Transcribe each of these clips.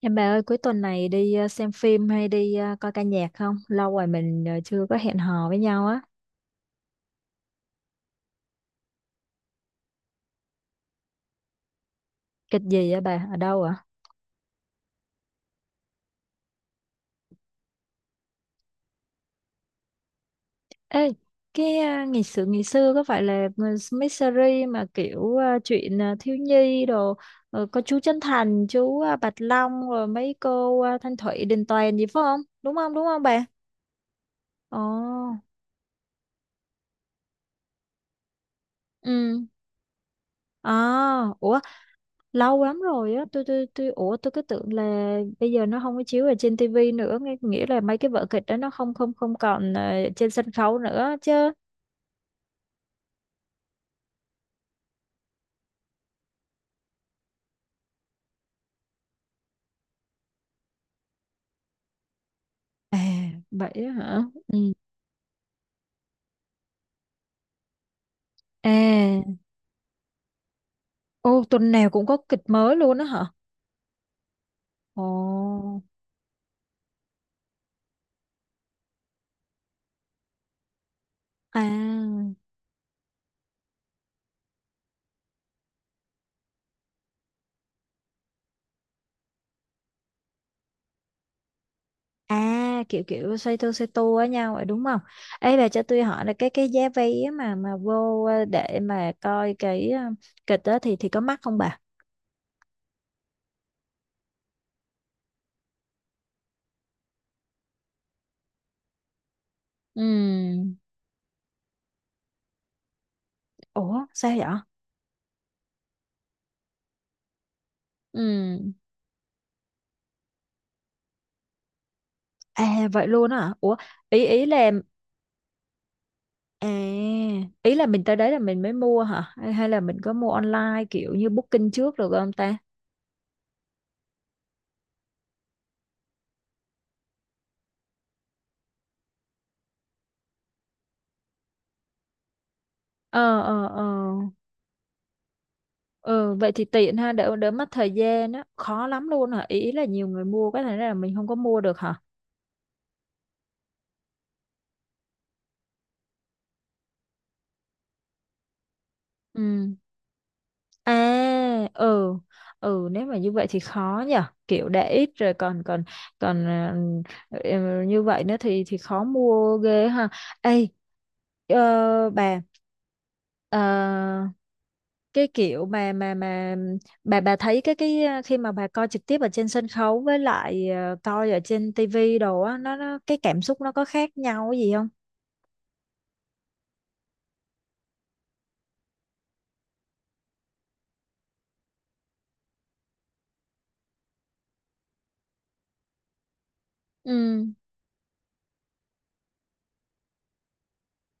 Em bà ơi, cuối tuần này đi xem phim hay đi coi ca nhạc không? Lâu rồi mình chưa có hẹn hò với nhau á. Kịch gì á bà? Ở đâu ạ? Ê, ngày sự ngày xưa có phải là mấy series mà kiểu chuyện thiếu nhi đồ có chú Trấn Thành, chú Bạch Long rồi mấy cô Thanh Thủy, Đình Toàn gì phải không? Đúng không? Đúng không bà? Ồ. Ừ. À, ủa, lâu lắm rồi á, tôi ủa, tôi cứ tưởng là bây giờ nó không có chiếu ở trên tivi nữa, nghĩa là mấy cái vở kịch đó nó không không không còn trên sân khấu nữa chứ. À, vậy á hả? Ừ. À. Ô, tuần nào cũng có kịch mới luôn á hả? Ồ. À. À, kiểu kiểu xoay tua với nhau vậy đúng không? Ấy bà, cho tôi hỏi là cái giá vé mà mà vô, để mà coi cái kịch đó thì có mắc không bà? Ừ. Ủa, sao vậy? Ừ. À vậy luôn á hả? Ủa, ý ý là, à, ý là mình tới đấy là mình mới mua hả? Hay, hay là mình có mua online kiểu như booking trước được không ta? Ờ ờ ờ. Ừ, vậy thì tiện ha, đỡ đỡ mất thời gian á. Khó lắm luôn hả? Ý ý là nhiều người mua cái này là mình không có mua được hả? Ừ. À, ừ, ừ, nếu mà như vậy thì khó nhở. Kiểu để ít rồi còn còn còn ờ, ừ, như vậy nữa thì khó mua ghê ha. Ê, ờ, bà, ờ, cái kiểu mà mà bà thấy cái cái, khi mà bà coi trực tiếp ở trên sân khấu với lại coi ở trên tivi đồ á, nó cái cảm xúc nó có khác nhau gì không? Ừ.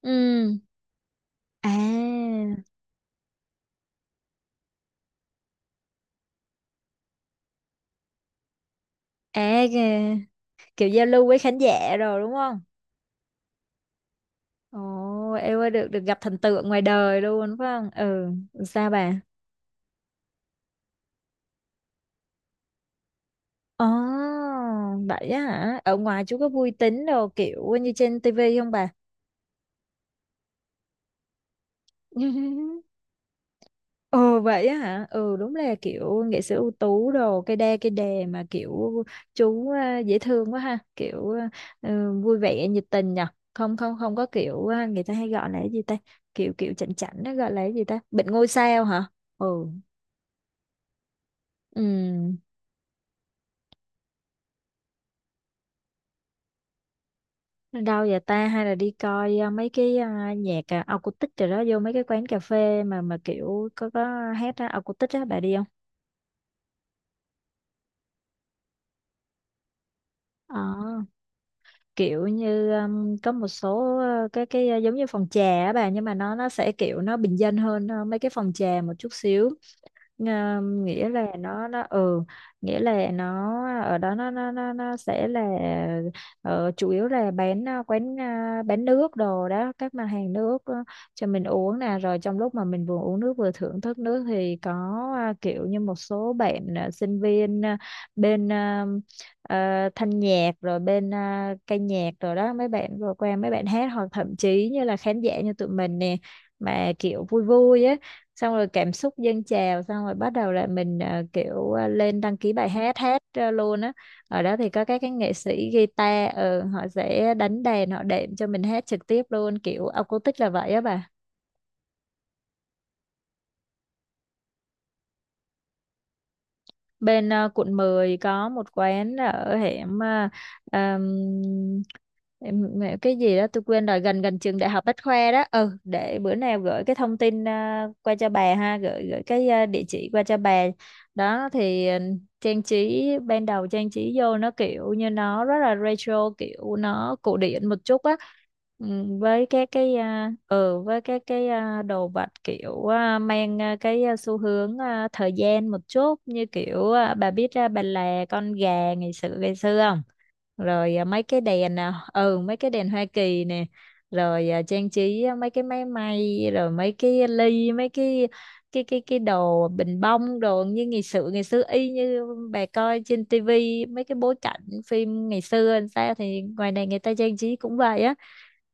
Ừ. À. À. Kìa, kiểu giao lưu với khán giả rồi đúng không? Ồ, em ơi, được được gặp thần tượng ngoài đời luôn phải không? Ừ, sao bà? Ồ, vậy á hả? Ở ngoài chú có vui tính đồ kiểu như trên tivi không bà? Ồ vậy á hả? Ừ, đúng là kiểu nghệ sĩ ưu tú đồ cây đa cây đề mà kiểu chú, à, dễ thương quá ha, kiểu à, ừ, vui vẻ nhiệt tình nhở. Không không không có kiểu à, người ta hay gọi là cái gì ta? Kiểu kiểu chảnh chảnh nó gọi là cái gì ta? Bệnh ngôi sao hả? Ừ. Ừ. Đâu vậy ta, hay là đi coi à, mấy cái à, nhạc à, acoustic rồi đó, vô mấy cái quán cà phê mà kiểu có hát á, acoustic á bà đi không? Ờ, kiểu như có một số cái, giống như phòng trà á bà, nhưng mà nó sẽ kiểu nó bình dân hơn mấy cái phòng trà một chút xíu. Nghĩa là nó, ừ, nghĩa là nó, ở đó nó nó sẽ là ờ, chủ yếu là bán quán bán nước đồ đó, các mặt hàng nước, cho mình uống nè, rồi trong lúc mà mình vừa uống nước vừa thưởng thức nước thì có kiểu như một số bạn sinh viên bên thanh nhạc rồi bên ca nhạc rồi đó, mấy bạn vừa qua mấy bạn hát, hoặc thậm chí như là khán giả như tụi mình nè, mà kiểu vui vui á, xong rồi cảm xúc dâng trào xong rồi bắt đầu là mình kiểu lên đăng ký bài hát, hát luôn á. Ở đó thì có các cái nghệ sĩ guitar, họ sẽ đánh đàn, họ đệm cho mình hát trực tiếp luôn, kiểu acoustic là vậy á bà. Bên quận 10 có một quán ở hẻm ờm, cái gì đó tôi quên rồi, gần gần trường đại học Bách Khoa đó. Ừ, để bữa nào gửi cái thông tin, à, qua cho bà ha, gửi gửi cái à, địa chỉ qua cho bà đó. Thì ừ, trang trí ban đầu, trang trí vô nó kiểu như nó rất là retro, kiểu nó cổ điển một chút á. Ừ, với cái à, ừ, với cái à, đồ vật kiểu à, mang à, cái à, xu hướng à, thời gian một chút, như kiểu à, bà biết à, bà là con gà ngày xưa không, rồi à, mấy cái đèn à, ừ, mấy cái đèn Hoa Kỳ nè, rồi à, trang trí à, mấy cái máy may rồi mấy cái ly mấy cái cái đồ bình bông đồ như ngày xưa ngày xưa, y như bà coi trên tivi mấy cái bối cảnh phim ngày xưa làm sao thì ngoài này người ta trang trí cũng vậy á.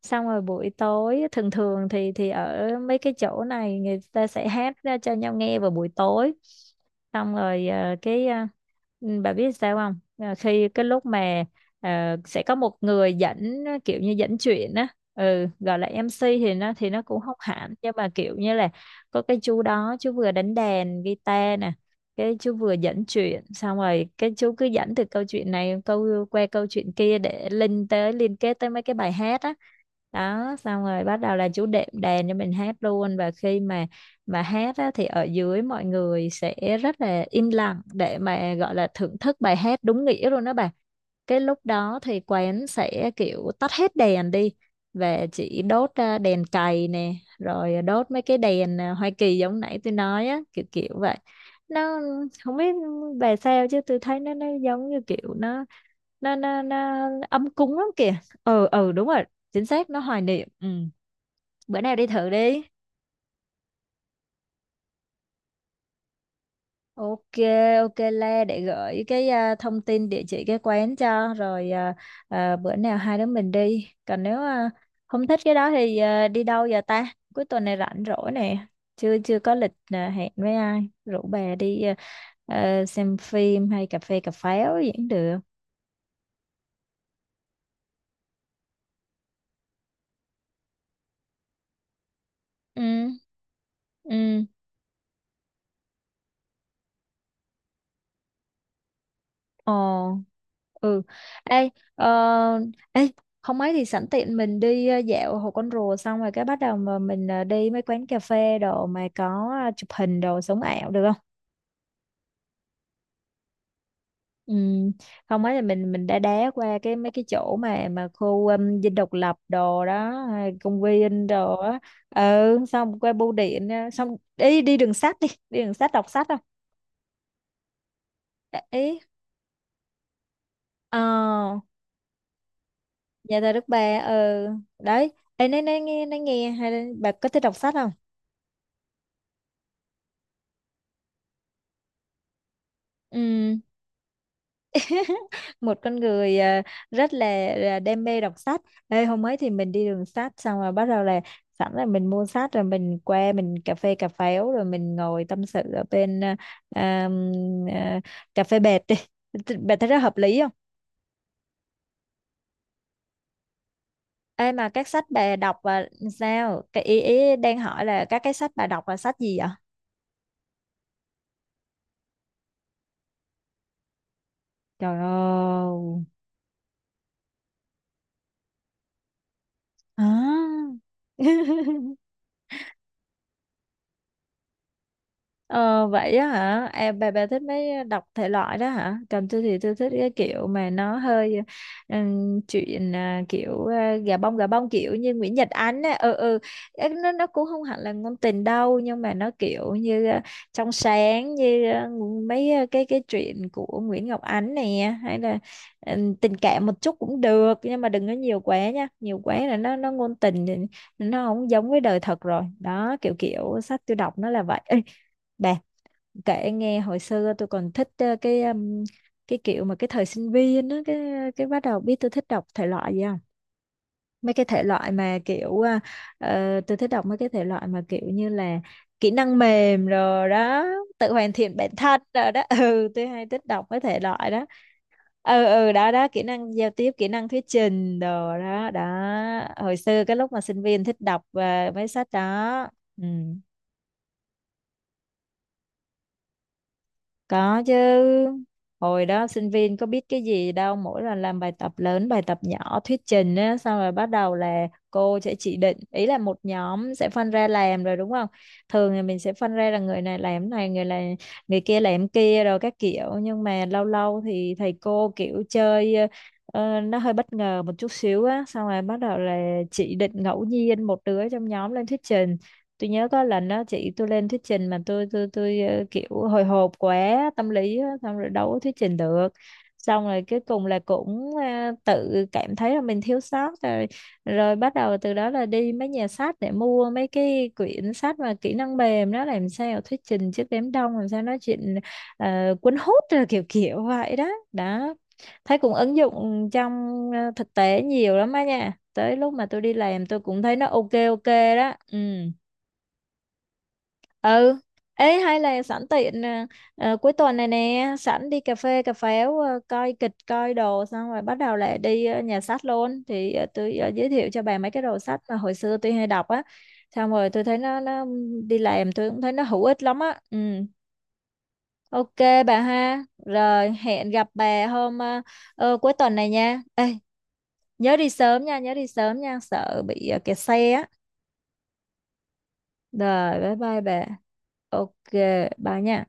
Xong rồi buổi tối thường thường thì ở mấy cái chỗ này người ta sẽ hát ra cho nhau nghe vào buổi tối, xong rồi ừ, bà biết sao không? Ờ, khi cái lúc mà sẽ có một người dẫn, kiểu như dẫn chuyện á, ừ, gọi là MC thì nó cũng không hẳn, nhưng mà kiểu như là có cái chú đó, chú vừa đánh đàn guitar nè, cái chú vừa dẫn chuyện, xong rồi cái chú cứ dẫn từ câu chuyện này, câu qua câu chuyện kia để link tới, liên kết tới mấy cái bài hát á. Đó, xong rồi bắt đầu là chú đệm đàn cho mình hát luôn. Và khi mà hát á, thì ở dưới mọi người sẽ rất là im lặng để mà gọi là thưởng thức bài hát đúng nghĩa luôn đó bà. Cái lúc đó thì quán sẽ kiểu tắt hết đèn đi, và chỉ đốt à, đèn cầy nè, rồi đốt mấy cái đèn à, Hoa Kỳ giống nãy tôi nói á, kiểu kiểu vậy. Nó, không biết bà sao chứ tôi thấy nó giống như kiểu nó nó ấm cúng lắm kìa. Ừ ừ đúng rồi, chính xác, nó hoài niệm. Ừ, bữa nào đi thử đi. Ok, ok, Le để gửi cái à, thông tin địa chỉ cái quán cho rồi à, à, bữa nào hai đứa mình đi. Còn nếu à, không thích cái đó thì à, đi đâu giờ ta? Cuối tuần này rảnh rỗi nè, chưa chưa có lịch à, hẹn với ai, rủ bà đi à, à, xem phim hay cà phê cà pháo gì cũng được. Ừ. Ừ. Ờ, ừ. Ê, ờ, ê, không ấy thì sẵn tiện mình đi dạo Hồ Con Rùa xong rồi cái bắt đầu mà mình đi mấy quán cà phê đồ mà có chụp hình đồ sống ảo được không? Ừ, không ấy là mình đã đá qua cái mấy cái chỗ mà khu Dinh Độc Lập đồ đó, hay công viên đồ á. Ừ, xong qua bưu điện, ờ, xong đi đi đường sách đi, đi đường sách đọc sách không? Ý, Ờ, Nhà thờ Đức Bà. Ừ, đấy. Ê, nói nghe, nói nghe hay, là bà có thích đọc sách không? Ừm, một con người à, rất là đam mê đọc sách. Ê, hôm ấy thì mình đi đường sách xong rồi bắt đầu là sẵn là mình mua sách rồi mình qua mình cà phê cà pháo rồi mình ngồi tâm sự ở bên à, à, à, cà phê bệt đi. Thì bà thấy rất hợp lý không? Ê, mà các sách bà đọc là sao? Cái ý đang hỏi là các cái sách bà đọc là sách gì vậy? Trời ơi. À. Ờ, vậy á hả? À, bà thích mấy đọc thể loại đó hả? Còn tôi thì tôi thích cái kiểu mà nó hơi chuyện à, kiểu à, gà bông kiểu như Nguyễn Nhật Ánh á. Ừ ừ. Ê, nó cũng không hẳn là ngôn tình đâu, nhưng mà nó kiểu như à, trong sáng như à, mấy à, cái chuyện của Nguyễn Ngọc Ánh nè, hay là tình cảm một chút cũng được, nhưng mà đừng có nhiều quá nha. Nhiều quá là nó ngôn tình thì nó không giống với đời thật rồi. Đó, kiểu kiểu sách tôi đọc nó là vậy. Ê, bà kể nghe, hồi xưa tôi còn thích cái kiểu mà cái thời sinh viên á, cái bắt đầu biết tôi thích đọc thể loại gì không? Mấy cái thể loại mà kiểu tôi thích đọc mấy cái thể loại mà kiểu như là kỹ năng mềm rồi đó, tự hoàn thiện bản thân rồi đó. Ừ, tôi hay thích đọc mấy thể loại đó. Ừ ừ đó đó, kỹ năng giao tiếp, kỹ năng thuyết trình đồ đó đó. Hồi xưa cái lúc mà sinh viên thích đọc mấy sách đó. Ừ. Có chứ. Hồi đó sinh viên có biết cái gì đâu, mỗi lần làm bài tập lớn, bài tập nhỏ, thuyết trình á, xong rồi bắt đầu là cô sẽ chỉ định, ý là một nhóm sẽ phân ra làm rồi đúng không? Thường thì mình sẽ phân ra là người này làm cái này người kia làm cái kia rồi các kiểu, nhưng mà lâu lâu thì thầy cô kiểu chơi nó hơi bất ngờ một chút xíu á, xong rồi bắt đầu là chỉ định ngẫu nhiên một đứa trong nhóm lên thuyết trình. Tôi nhớ có lần đó chị tôi lên thuyết trình mà tôi kiểu hồi hộp quá, tâm lý á, xong rồi đâu có thuyết trình được, xong rồi cuối cùng là cũng tự cảm thấy là mình thiếu sót rồi, rồi bắt đầu từ đó là đi mấy nhà sách để mua mấy cái quyển sách mà kỹ năng mềm đó, làm sao thuyết trình trước đám đông, làm sao nói chuyện cuốn hút rồi kiểu kiểu vậy đó. Đó, thấy cũng ứng dụng trong thực tế nhiều lắm á nha, tới lúc mà tôi đi làm tôi cũng thấy nó ok ok đó. Ừ ừ ê, hay là sẵn tiện cuối tuần này nè sẵn đi cà phê cà pháo, coi kịch coi đồ, xong rồi bắt đầu lại đi nhà sách luôn, thì tôi giới thiệu cho bà mấy cái đồ sách mà hồi xưa tôi hay đọc á, xong rồi tôi thấy nó đi làm tôi cũng thấy nó hữu ích lắm á. Ừ, ok bà ha, rồi hẹn gặp bà hôm cuối tuần này nha. Ê, nhớ đi sớm nha, nhớ đi sớm nha, sợ bị kẹt xe á. Rồi bye bye bà. Ok, bye nha.